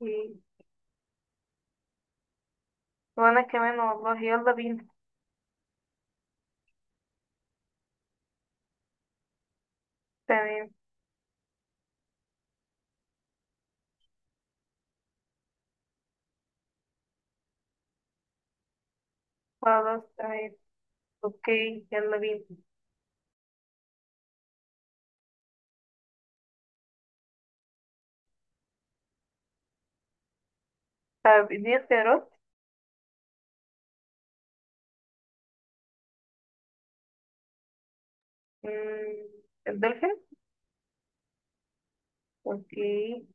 مم. وأنا كمان والله، يلا بينا. تمام، خلاص تمام. أوكي يلا بينا. طب اديني اختيارات. مم. الدولفين. أوكي.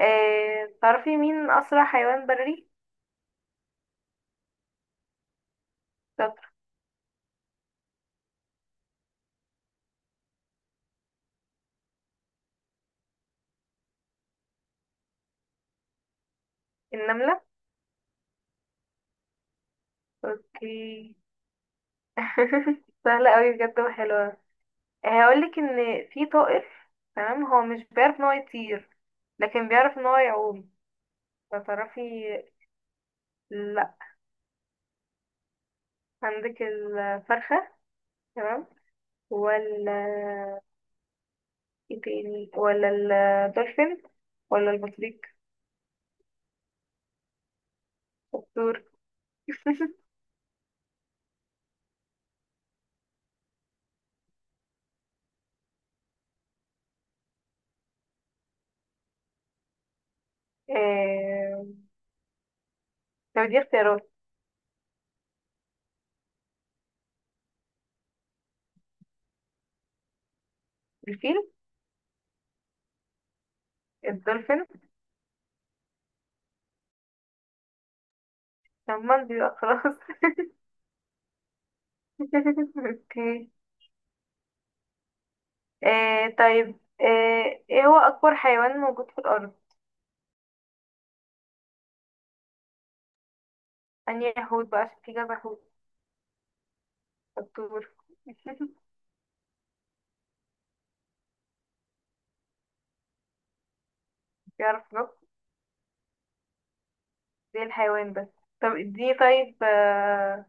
آه. تعرفي مين أسرع حيوان بري؟ شاطر. النملة. أوكي. سهلة أوي بجد وحلوة. هقولك إن في طائر، تمام، هو مش بيعرف إن هو يطير لكن بيعرف إن هو يعوم. فتعرفي؟ لأ، عندك الفرخة، تمام، ولا ايه تاني، ولا الدولفين ولا البطريق؟ الطور. آه... طب دي اختيارات. الفيل. الدولفين. طب ما دي بقى خلاص. اوكي. ايه هو اكبر حيوان موجود في الارض؟ اني حوت بقى، عشان في كذا حوت. الطور. بيعرف ينط زي الحيوان بس. طب اديني طيب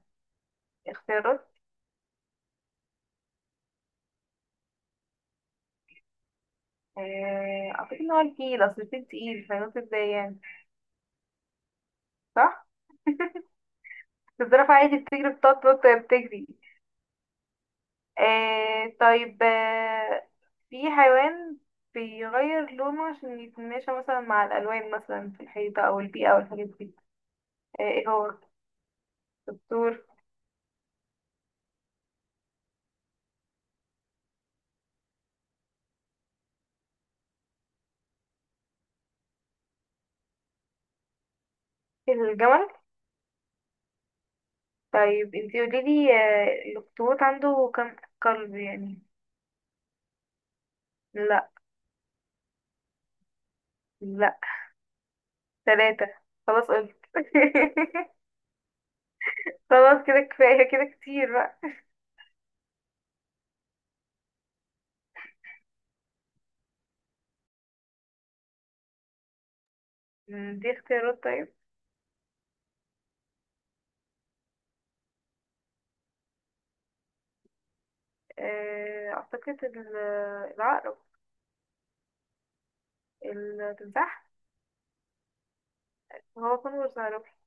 اختيارات. اعتقد ان هو الفيل، اصل الفيل تقيل، فينط ازاي يعني. صح. الزرافة عادي بتجري، بتقعد تنط وهي بتجري. آه طيب آه، في حيوان بيغير لونه عشان يتماشى مثلا مع الألوان، مثلا في الحيطة أو البيئة أو الحاجات دي. آه، ايه هو؟ الدكتور. الجمل. طيب انتي قوليلي، آه، الأخطبوط عنده كام قلب يعني؟ لا. لا. ثلاثة. خلاص قلت. خلاص كده، كفاية كده، كتير بقى. مم، دي اختيارات طيب. آه، أعتقد العقرب. التمساح. هو كونفرس هروح.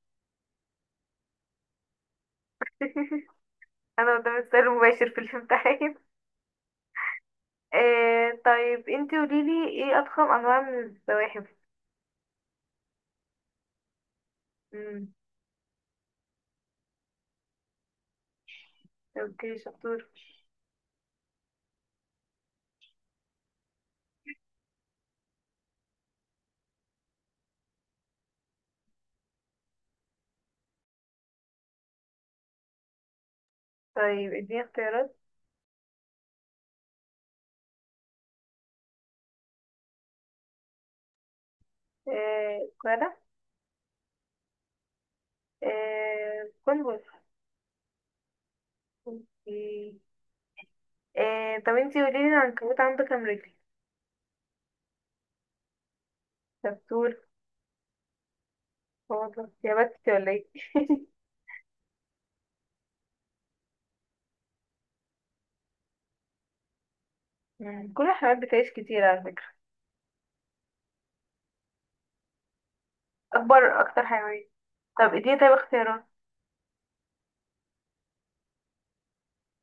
انا قدام السؤال المباشر في الامتحان. آه طيب انتي قوليلي، ايه اضخم انواع من الزواحف؟ امم. اوكي شطور. طيب اديني اختيارات. آه كوالا. آه كونفرس. اوكي. آه طب انتي قوليلي، العنكبوت عنده كام رجل؟ شطور. هو والله يا بختي ولا ايه. مم. كل الحيوانات بتعيش كتير على فكرة. اكبر اكتر حيوان. طب اديني طيب اختيارات.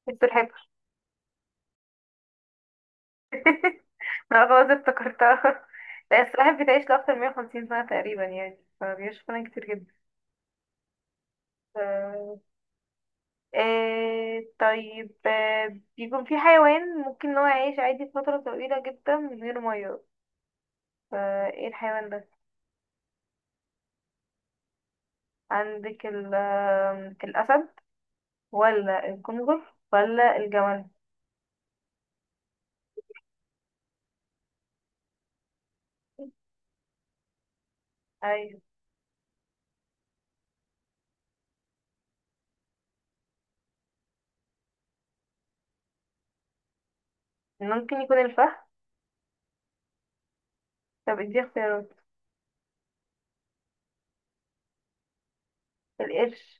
السلحفاة. اه خلاص افتكرتها. لا، السلاحف بتعيش لأكتر من 150 سنة تقريبا يعني، فبيعيش فعلا كتير جدا. ف- آه طيب آه، بيكون في حيوان ممكن ان هو يعيش عادي فترة طويلة جدا من غير مية، فايه الحيوان ده؟ عندك ال آه، الأسد ولا الكنغر ولا الجمل؟ أيوة. ممكن يكون الفهد. طب ادي اختيارات. القرش.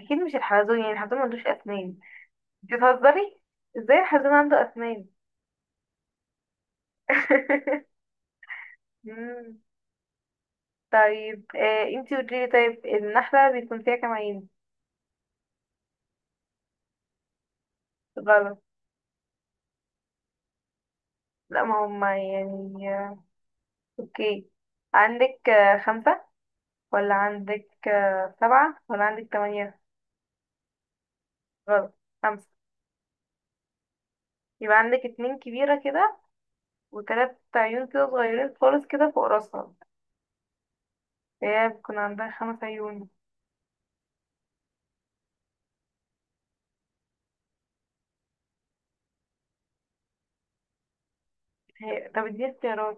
أكيد مش الحلزون، يعني الحلزون ملوش أسنان. بتهزري؟ ازاي الحلزون عنده أسنان؟ مم. طيب آه انتي قوليلي، طيب النحلة بيكون فيها كام عين؟ غلط. لا، ما هما يعني، اوكي، عندك آه خمسة، ولا عندك آه سبعة، ولا عندك تمانية؟ غلط. خمسة. يبقى عندك اتنين كبيرة كده، وتلات عيون كده صغيرين خالص كده فوق راسها. هي بيكون عندها خمس عيون. هي طب اديني اختيارات.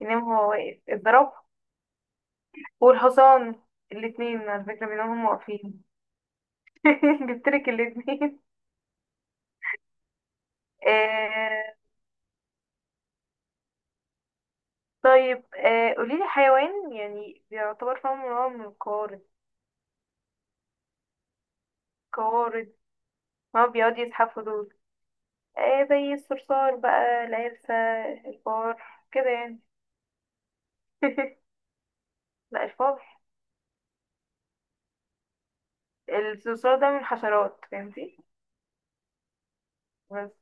ينام هو واقف؟ الزرافة والحصان، الاتنين على فكرة بيناموا هما واقفين. جبتلك الاتنين. آه، طيب آه قوليلي، حيوان يعني بيعتبر فاهم نوع من القوارض. قوارض. ما هو بيقعد يزحفوا دول. آه زي الصرصار بقى، العرسة، الفار، كده يعني. لا، الفار. الصرصار ده من الحشرات، فهمتي، بس.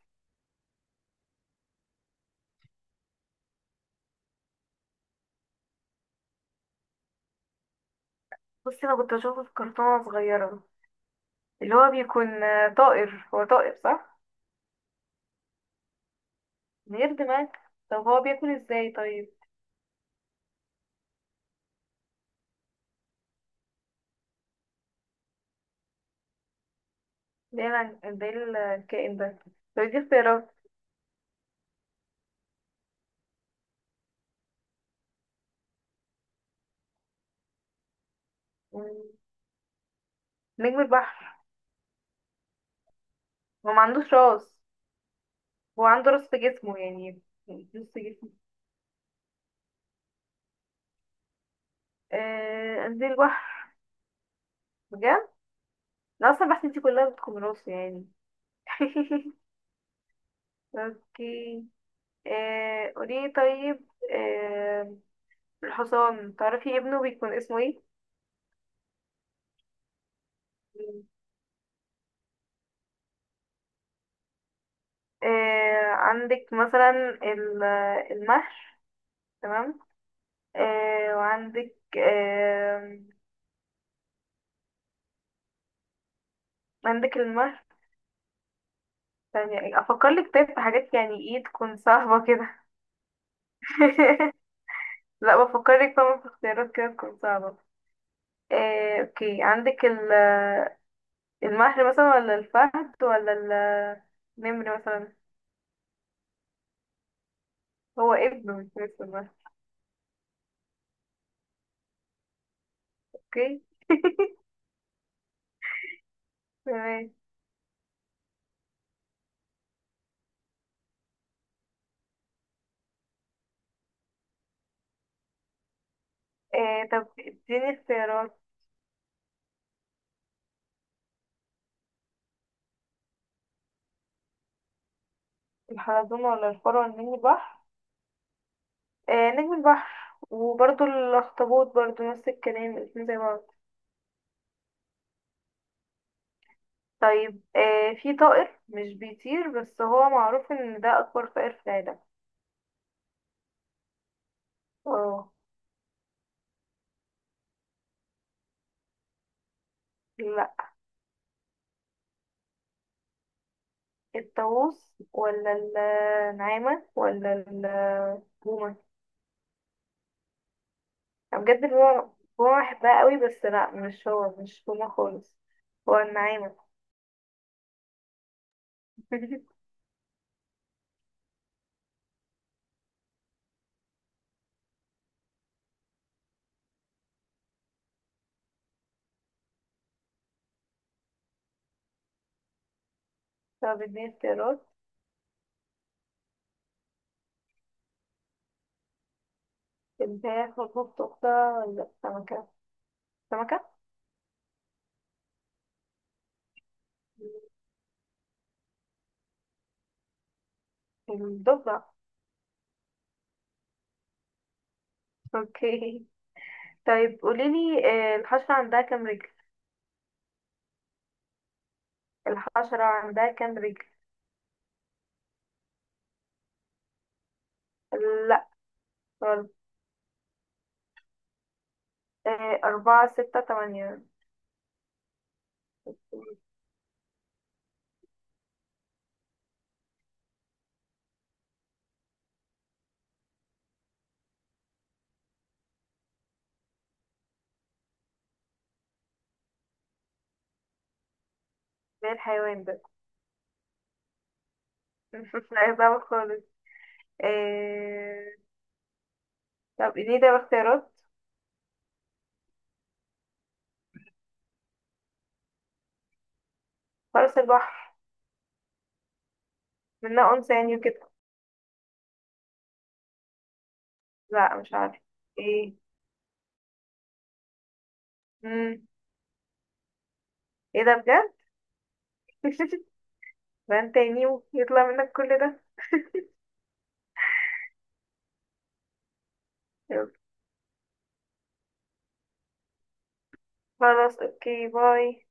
بصي، انا كنت بشوفه في كرتونة وأنا صغيرة، اللي هو بيكون آه، طائر، هو طائر صح؟ من غير دماغ. طب هو بياكل ازاي طيب؟ ده الكائن ده. طب دي اختيارات. مم، نجم البحر. هو ما عندوش راس. هو عنده رص في جسمه يعني. نص جسمه. آه قد ايه البحر. بجد. انا اصلا بحس انتي كلها بتكون راسه يعني. اوكي. آه قولي، طيب آه، الحصان تعرفي ابنه بيكون اسمه ايه؟ آه عندك مثلا ال- المهر، تمام، آه وعندك آه، عندك المهر. ثانية افكر لك، طيب في حاجات يعني ايه تكون صعبة كده. لا بفكر لك طبعا في اختيارات كده تكون صعبة. إيه، اوكي، عندك المهر مثلا، ولا الفهد، ولا النمر مثلا. هو ابنه مش اسمه المهر؟ اوكي. تمام. إيه، طب اديني اختيارات. الحلزون ولا الفار ولا نجم البحر؟ إيه، نجم البحر، وبرضو الاخطبوط برضو نفس الكلام، الاتنين زي بعض. طيب إيه، في طائر مش بيطير بس هو معروف ان ده اكبر طائر في العالم. اه. لا. الطاووس ولا النعامة ولا البومة. أنا بجد بابا بابا بحبها قوي، بس لا مش هو، مش هما خالص. هو النعامة. طب اديني اختيارات. الفراخ والبط أختها ولا السمكة. السمكة. الضبع. اوكي. طيب قوليلي آه، الحشرة عندها كام رجل؟ الحشرة عندها كام رجل؟ لا. غلط. آه، أربعة، ستة، تمانية. زي الحيوان ده. لا يصعب خالص. آه، طب اديني ده اختيارات. فرس البحر. منها أنثى يعني وكده. لا مش عارفة. ايه؟ مم. ايه ده بجد؟ بان تاني ويطلع منك كل ده. يلا. خلاص اوكي باي.